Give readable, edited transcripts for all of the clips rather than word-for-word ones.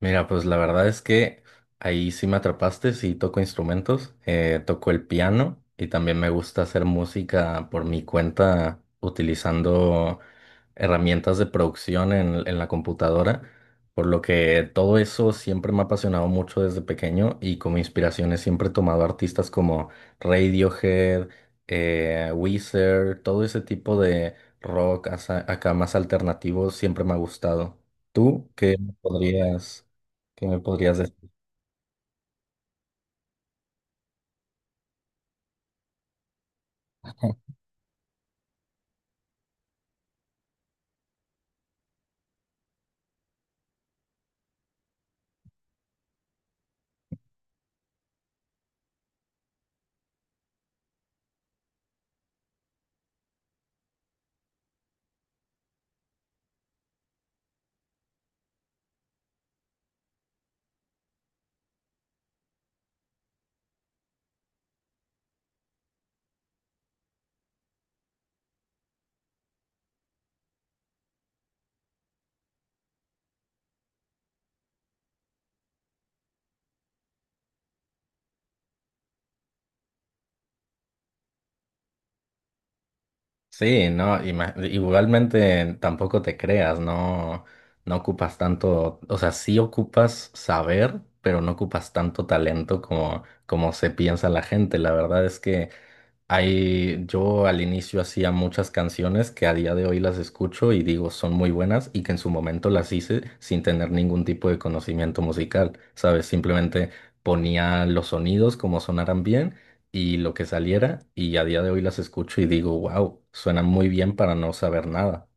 Mira, pues la verdad es que ahí sí me atrapaste, sí toco instrumentos, toco el piano y también me gusta hacer música por mi cuenta utilizando herramientas de producción en la computadora, por lo que todo eso siempre me ha apasionado mucho desde pequeño y como inspiraciones siempre he tomado artistas como Radiohead, Weezer, todo ese tipo de rock acá más alternativo siempre me ha gustado. ¿Tú qué podrías? ¿Qué me podrías decir? Sí, no, igualmente tampoco te creas, no, no ocupas tanto, o sea, sí ocupas saber, pero no ocupas tanto talento como se piensa la gente. La verdad es que ahí yo al inicio hacía muchas canciones que a día de hoy las escucho y digo son muy buenas y que en su momento las hice sin tener ningún tipo de conocimiento musical, ¿sabes? Simplemente ponía los sonidos como sonaran bien y lo que saliera y a día de hoy las escucho y digo, wow, suenan muy bien para no saber nada.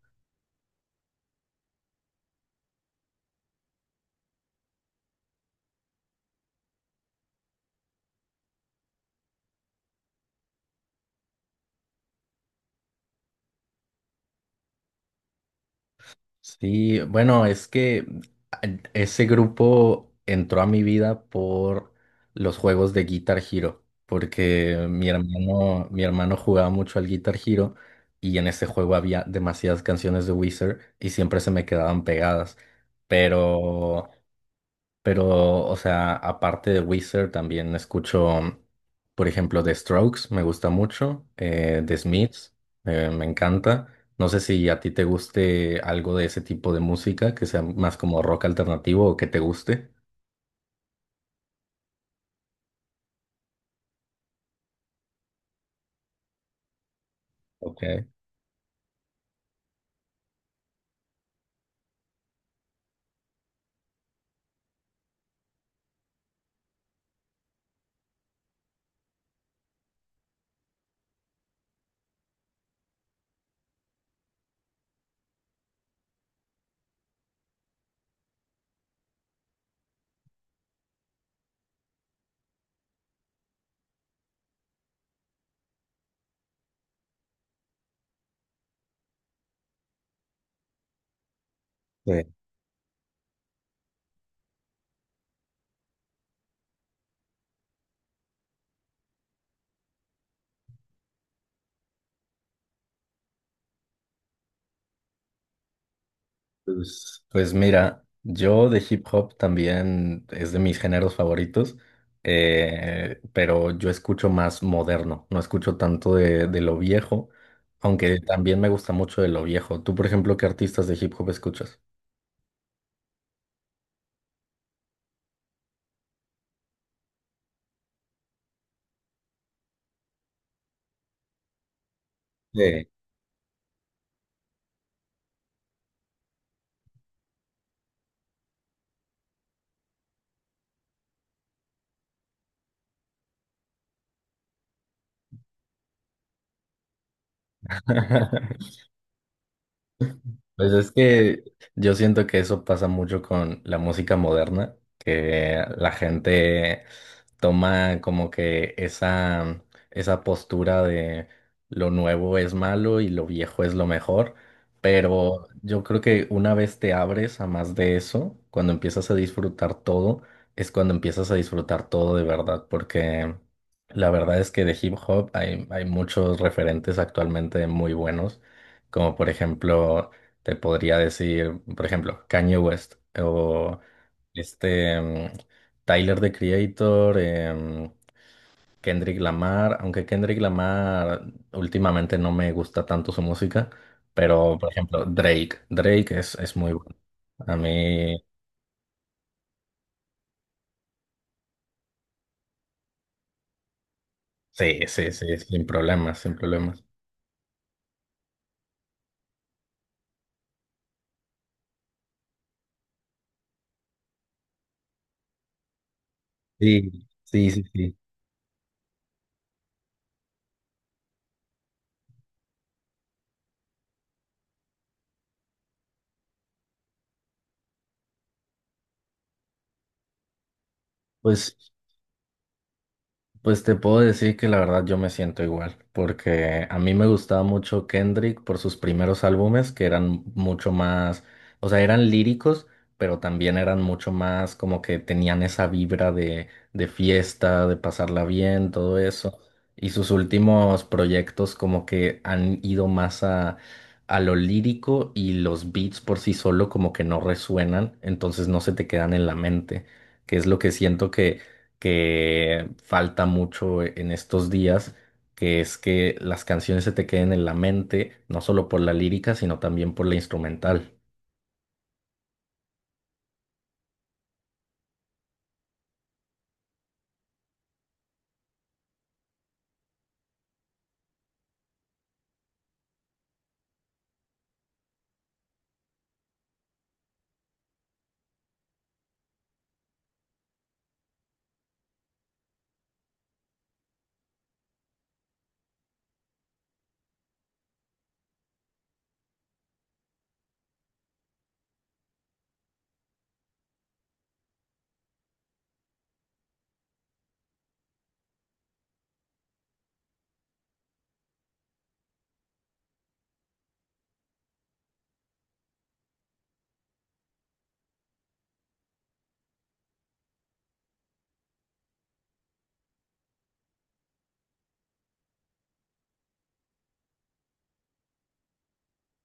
Sí, bueno, es que a- ese grupo entró a mi vida por los juegos de Guitar Hero, porque mi hermano jugaba mucho al Guitar Hero y en ese juego había demasiadas canciones de Wizard y siempre se me quedaban pegadas. Pero pero, o sea, aparte de Weezer, también escucho, por ejemplo, The Strokes, me gusta mucho, The Smiths, me encanta. No sé si a ti te guste algo de ese tipo de música, que sea más como rock alternativo o que te guste. Ok. Sí. Pues mira, yo de hip hop también es de mis géneros favoritos, pero yo escucho más moderno, no escucho tanto de lo viejo, aunque Ok. también me gusta mucho de lo viejo. Tú, por ejemplo, ¿qué artistas de hip hop escuchas? Sí. Pues es que yo siento que eso pasa mucho con la música moderna, que la gente toma como que esa postura de lo nuevo es malo y lo viejo es lo mejor, pero yo creo que una vez te abres a más de eso, cuando empiezas a disfrutar todo, es cuando empiezas a disfrutar todo de verdad, porque la verdad es que de hip hop hay muchos referentes actualmente muy buenos, como por ejemplo... Te podría decir, por ejemplo, Kanye West o este Tyler the Creator, Kendrick Lamar, aunque Kendrick Lamar últimamente no me gusta tanto su música, pero por ejemplo, Drake, Drake es muy bueno. A mí, sí, sí, sí, sin problemas, sin problemas. Sí, sí, sí, sí. Pues Pues te puedo decir que la verdad yo me siento igual, porque a mí me gustaba mucho Kendrick por sus primeros álbumes, que eran mucho más, o sea, eran líricos, pero también eran mucho más como que tenían esa vibra de fiesta, de pasarla bien, todo eso. Y sus últimos proyectos como que han ido más a lo lírico y los beats por sí solo como que no resuenan, entonces no se te quedan en la mente, que es lo que siento que falta mucho en estos días, que es que las canciones se te queden en la mente, no solo por la lírica, sino también por la instrumental.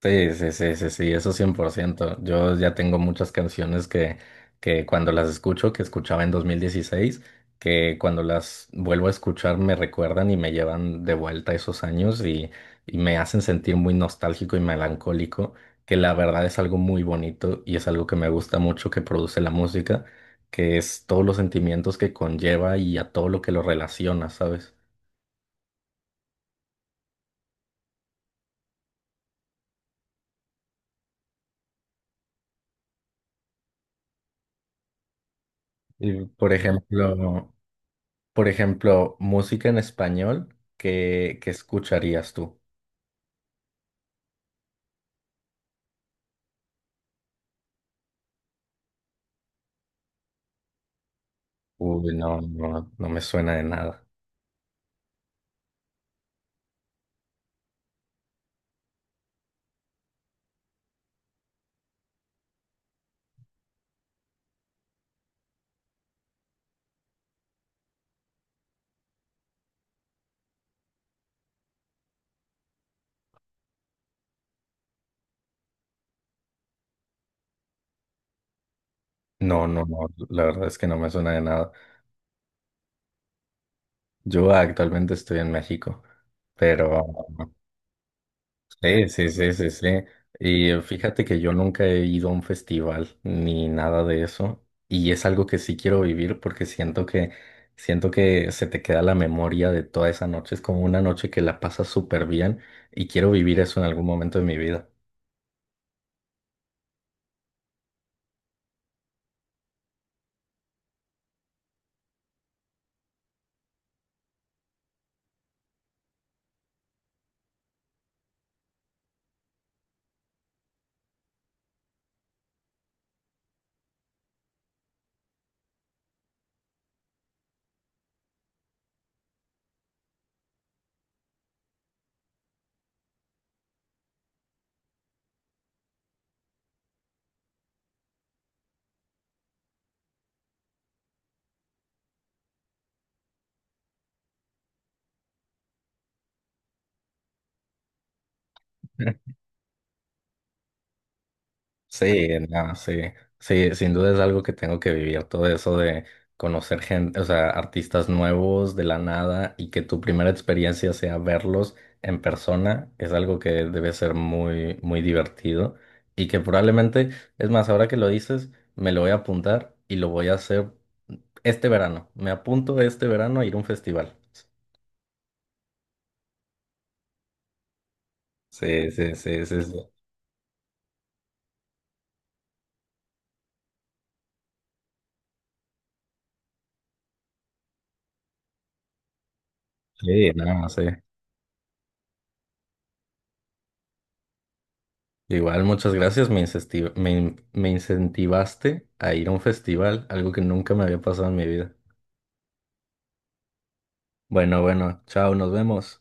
Sí, sí, sí, sí, sí, eso 100%. Yo ya tengo muchas canciones que cuando las escucho, que escuchaba en 2016, que cuando las vuelvo a escuchar me recuerdan y me llevan de vuelta a esos años y me hacen sentir muy nostálgico y melancólico, que la verdad es algo muy bonito y es algo que me gusta mucho que produce la música, que es todos los sentimientos que conlleva y a todo lo que lo relaciona, ¿sabes? Y, por ejemplo, por ejemplo, música en español, ¿qué, qué escucharías tú? Uy, no, no, no me suena de nada. No, no, no, la verdad es que no me suena de nada. Yo actualmente estoy en México, pero sí, sí, sí, sí, sí. Y fíjate que yo nunca he ido a un festival ni nada de eso. Y es algo que sí quiero vivir porque siento siento que se te queda la memoria de toda esa noche. Es como una noche que la pasas súper bien y quiero vivir eso en algún momento de mi vida. Sí, no, sí, sí, sin duda es algo que tengo que vivir, todo eso de conocer gente, o sea, artistas nuevos de la nada y que tu primera experiencia sea verlos en persona, es algo que debe ser muy, muy divertido y que probablemente, es más, ahora que lo dices, me lo voy a apuntar y lo voy a hacer este verano, me apunto este verano a ir a un festival. Sí, sí, sí, sí, sí, sí, no, sí. Igual, muchas gracias. Me incesti- me in- me incentivaste a ir a un festival, algo que nunca me había pasado en mi vida. Bueno, bueno, chao, nos vemos.